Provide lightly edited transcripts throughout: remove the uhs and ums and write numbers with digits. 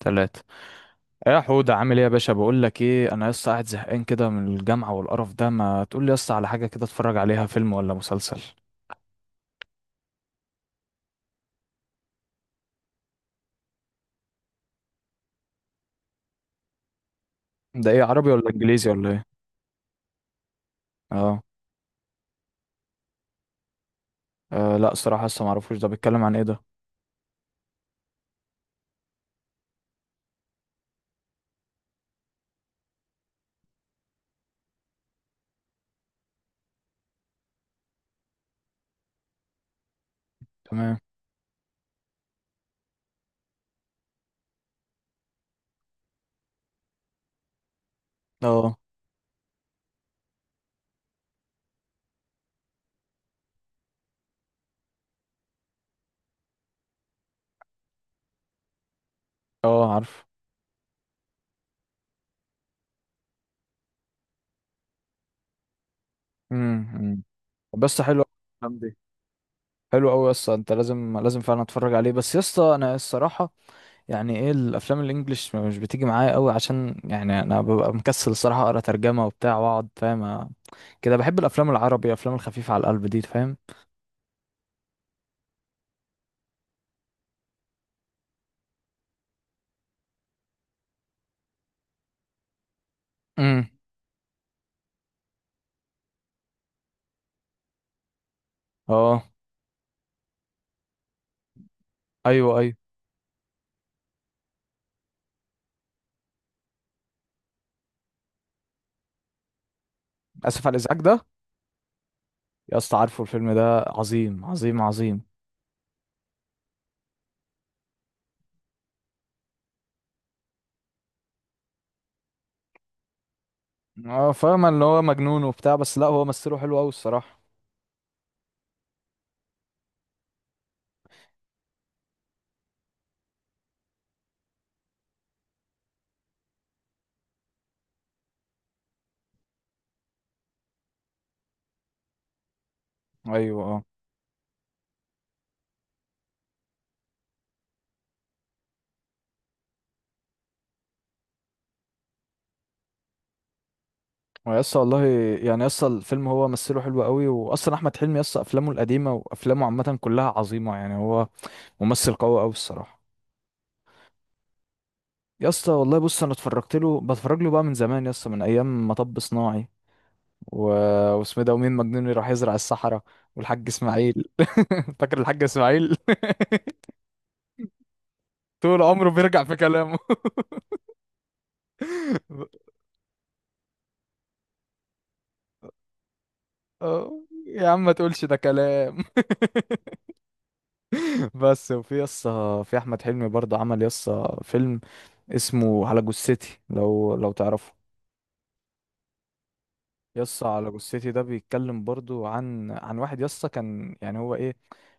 تلاتة. إيه يا حودة، عامل ايه يا باشا؟ بقول لك ايه، انا لسه قاعد زهقان كده من الجامعة والقرف ده. ما تقول لي لسه على حاجة كده اتفرج عليها، فيلم ولا مسلسل؟ ده ايه، عربي ولا انجليزي ولا ايه؟ اه. آه لا، الصراحة لسه معرفوش. ده بيتكلم عن ايه ده؟ تمام. اه. اه عارف. امم بس حلو أوي. الأفلام دي حلو قوي يا اسطى، انت لازم لازم فعلا اتفرج عليه. بس يا اسطى انا الصراحه يعني ايه، الافلام الانجليش مش بتيجي معايا قوي عشان يعني انا ببقى مكسل الصراحه اقرا ترجمه وبتاع واقعد فاهم كده. بحب الافلام العربي، الافلام الخفيفه على القلب دي فاهم. امم اه. ايوه ايوه. اسف على الازعاج ده. يا اسطى، عارفه الفيلم ده؟ عظيم عظيم عظيم. اه فاهم ان هو مجنون وبتاع، بس لا، هو مثله حلو قوي الصراحه. ايوه اه. هو يا اسطى والله، يعني يا اسطى الفيلم هو مثله حلو قوي، واصلا احمد حلمي يا اسطى افلامه القديمه وافلامه عامه كلها عظيمه، يعني هو ممثل قوي قوي الصراحه. يا اسطى والله، بص انا اتفرجت له بتفرج له بقى من زمان يا اسطى، من ايام مطب صناعي و... واسمه إيه ده، ومين مجنون راح يزرع الصحراء، والحاج اسماعيل. فاكر الحاج اسماعيل؟ طول عمره بيرجع في كلامه. يا عم ما تقولش ده كلام. بس وفي يسا، في احمد حلمي برضه عمل يسا فيلم اسمه على جثتي، لو تعرفه. يسا على جثتي ده بيتكلم برضو عن واحد يسا كان يعني هو ايه،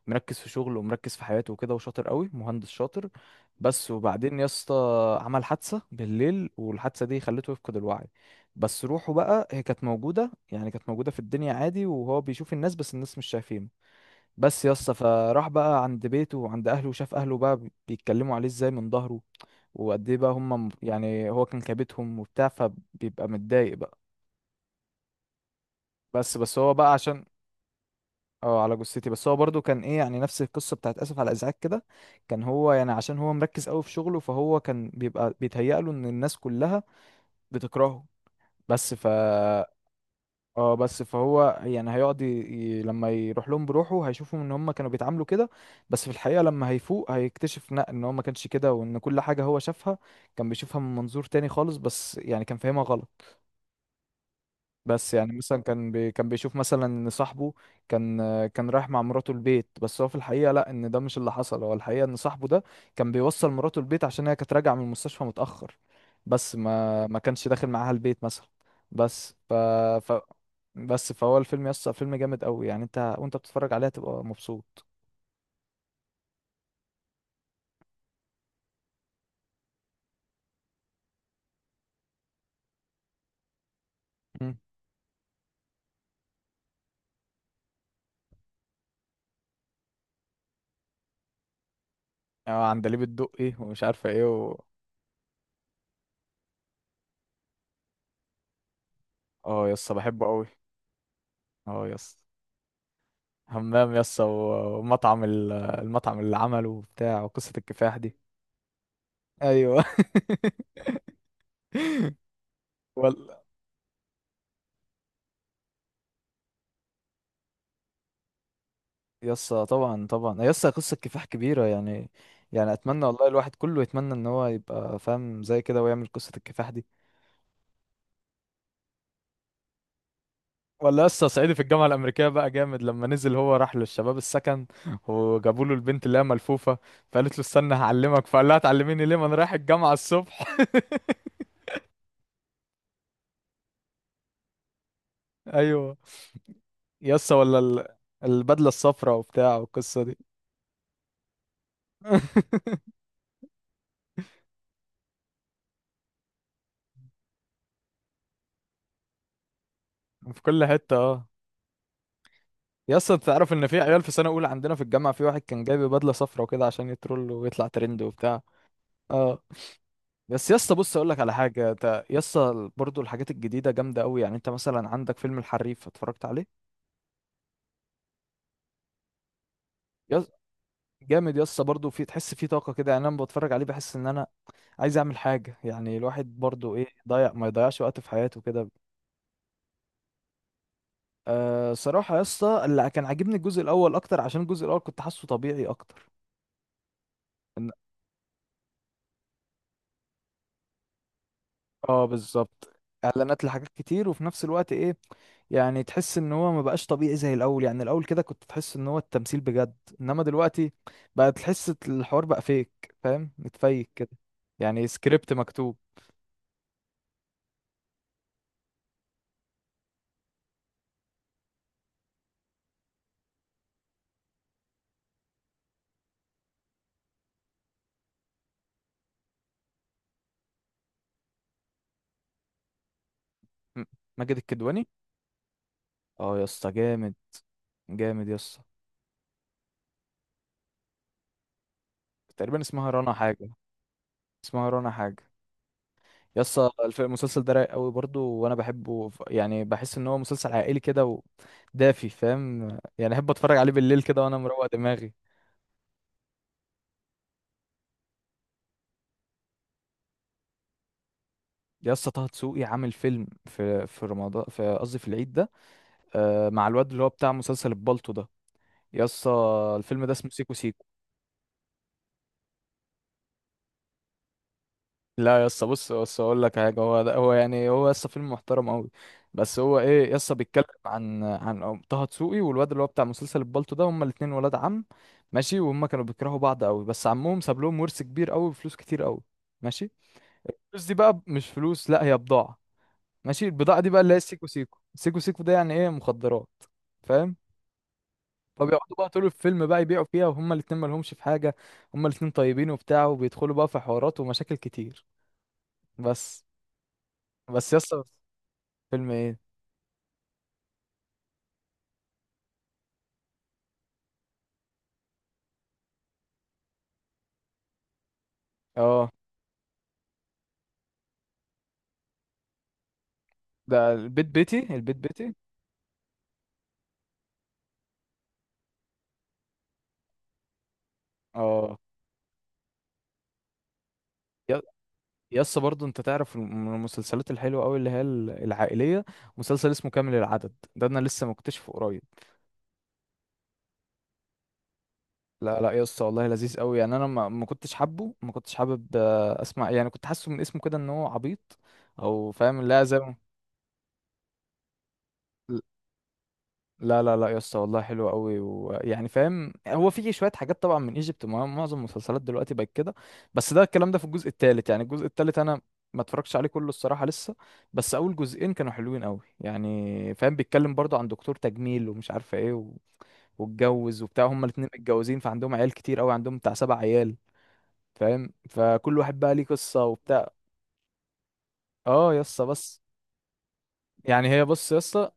مركز في شغله ومركز في حياته وكده، وشاطر قوي مهندس شاطر. بس وبعدين يسا عمل حادثة بالليل، والحادثة دي خلته يفقد الوعي. بس روحه بقى هي كانت موجودة، يعني كانت موجودة في الدنيا عادي، وهو بيشوف الناس بس الناس مش شايفينه. بس يسا فراح بقى عند بيته وعند اهله، وشاف اهله بقى بيتكلموا عليه ازاي من ظهره، وقد ايه بقى هم، يعني هو كان كابتهم وبتاع، فبيبقى متضايق بقى. بس هو بقى عشان، اه على جثتي. بس هو برضو كان ايه يعني، نفس القصه بتاعت اسف على الازعاج كده. كان هو يعني عشان هو مركز قوي في شغله، فهو كان بيبقى بيتهيأ له ان الناس كلها بتكرهه. بس ف اه، بس فهو يعني هيقعد لما يروح لهم بروحه هيشوفهم ان هم كانوا بيتعاملوا كده. بس في الحقيقه لما هيفوق هيكتشف لا، ان هو ما كانش كده، وان كل حاجه هو شافها كان بيشوفها من منظور تاني خالص، بس يعني كان فاهمها غلط. بس يعني مثلا كان بيشوف مثلا ان صاحبه كان رايح مع مراته البيت، بس هو في الحقيقه لا، ان ده مش اللي حصل. هو الحقيقه ان صاحبه ده كان بيوصل مراته البيت عشان هي كانت راجعه من المستشفى متاخر، بس ما كانش داخل معاها البيت مثلا. بس ف, ف بس فهو الفيلم يسطا فيلم جامد قوي، يعني انت وانت بتتفرج عليه هتبقى مبسوط. مم. اه عندليب الدقي ومش عارفه ايه اه يسطا بحبه قوي. اه يسطا. حمام يس و- ومطعم المطعم اللي عمله وبتاع، وقصة الكفاح دي. ايوه. وال... يس طبعا طبعا، يس قصة كفاح كبيرة يعني. يعني اتمنى والله، الواحد كله يتمنى ان هو يبقى فاهم زي كده ويعمل قصة الكفاح دي. ولا يس صعيدي في الجامعة الأمريكية بقى جامد، لما نزل هو راح للشباب السكن وجابوا له البنت اللي هي ملفوفة، فقالت له استنى هعلمك، فقال لها تعلميني ليه، ما انا رايح الجامعة الصبح. ايوه. يس ولا البدلة الصفراء وبتاع، والقصة دي. في كل حتة، اه. يا اسطى انت تعرف ان في عيال في سنة اولى عندنا في الجامعة، في واحد كان جايب بدلة صفرا وكده عشان يترول ويطلع ترند وبتاع. اه. بس يا اسطى، بص اقول لك على حاجة، انت يا اسطى برضه الحاجات الجديدة جامدة قوي. يعني انت مثلا عندك فيلم الحريف، اتفرجت عليه؟ يا جامد يا اسطى برضه، في تحس فيه طاقة كده. يعني انا لما بتفرج عليه بحس ان انا عايز اعمل حاجة، يعني الواحد برضه ايه، ضيع ما يضيعش وقت في حياته كده. أه صراحة يا اسطى، اللي كان عاجبني الجزء الأول أكتر، عشان الجزء الأول كنت حاسه طبيعي أكتر. اه بالظبط. اعلانات لحاجات كتير، وفي نفس الوقت ايه، يعني تحس ان هو ما بقاش طبيعي زي الاول. يعني الاول كده كنت تحس ان هو التمثيل بجد، انما دلوقتي بقى تحس الحوار بقى فيك فاهم متفيك كده، يعني سكريبت مكتوب. م- ماجد الكدواني. اه يا اسطى جامد، جامد يا اسطى. تقريبا اسمها رنا حاجه. اسمها رنا حاجه. يا اسطى المسلسل ده رايق قوي برضه، وانا بحبه يعني بحس ان هو مسلسل عائلي كده، ودافي فاهم، يعني احب اتفرج عليه بالليل كده وانا مروق دماغي. يا اسطى طه دسوقي عامل فيلم في رمضان، في قصدي في العيد ده، مع الواد اللي هو بتاع مسلسل البالطو ده. يا اسطى الفيلم ده اسمه سيكو سيكو. لا يا اسطى، بص بص اقول لك حاجه. هو ده، هو يعني هو يا اسطى فيلم محترم قوي. بس هو ايه يا اسطى، بيتكلم عن طه دسوقي والواد اللي هو بتاع مسلسل البالطو ده، هما الاتنين ولاد عم. ماشي. وهم كانوا بيكرهوا بعض قوي، بس عمهم ساب لهم ورث كبير قوي وفلوس كتير قوي. ماشي. الفلوس دي بقى مش فلوس، لا هي بضاعه. ماشي. البضاعه دي بقى اللي هي السيكو سيكو سيكو سيكو ده يعني ايه، مخدرات، فاهم. فبيقعدوا بقى طول الفيلم بقى يبيعوا فيها، وهما الاتنين مالهمش في حاجة، هما الاتنين طيبين وبتاع، وبيدخلوا بقى في حوارات ومشاكل كتير. بس. بس يسطا فيلم ايه. اه، ده البيت بيتي، البيت بيتي. اه يا- يسطا برضو انت تعرف من المسلسلات الحلوة قوي اللي هي العائلية، مسلسل اسمه كامل العدد ده، انا لسه مكتشفه قريب. لا لا يسطا والله لذيذ قوي، يعني انا ما كنتش حابه، ما كنتش حابب اسمع، يعني كنت حاسه من اسمه كده ان هو عبيط او فاهم، لا زي ما، لا لا لا يا اسطى والله حلو قوي، ويعني فاهم هو في شويه حاجات طبعا من ايجيبت، معظم المسلسلات دلوقتي بقت كده. بس ده الكلام ده في الجزء الثالث. يعني الجزء الثالث انا ما اتفرجتش عليه كله الصراحه لسه. بس اول جزئين كانوا حلوين قوي، يعني فاهم، بيتكلم برضه عن دكتور تجميل ومش عارفه ايه واتجوز وبتاع، هما الاتنين متجوزين، فعندهم عيال كتير قوي، عندهم بتاع سبع عيال، فاهم، فكل واحد بقى ليه قصه وبتاع. اه يا اسطى بس، يعني هي بص يا اسطى،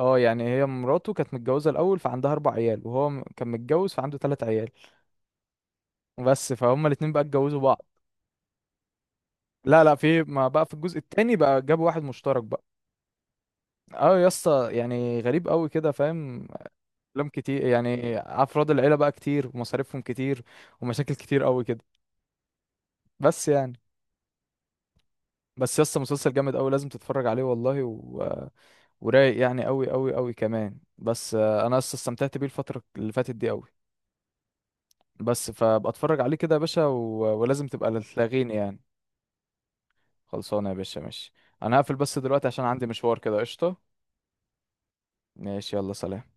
اه يعني هي مراته كانت متجوزة الأول فعندها أربع عيال، وهو كان متجوز فعنده تلات عيال، بس فهم الاتنين بقى اتجوزوا بعض. لا لا، في ما بقى في الجزء التاني بقى جابوا واحد مشترك بقى. اه يا اسطى، يعني غريب قوي كده فاهم، أفلام كتير، يعني أفراد العيلة بقى كتير ومصاريفهم كتير ومشاكل كتير قوي كده. بس يعني، بس يا اسطى مسلسل جامد قوي، لازم تتفرج عليه والله، ورايق يعني قوي قوي قوي كمان، بس انا يا اسطى استمتعت بيه الفترة اللي فاتت دي قوي. بس فبتفرج عليه كده يا باشا ولازم تبقى تلاغيني يعني. خلصانه يا باشا، ماشي. انا هقفل بس دلوقتي عشان عندي مشوار كده، قشطه. ماشي يلا، سلام.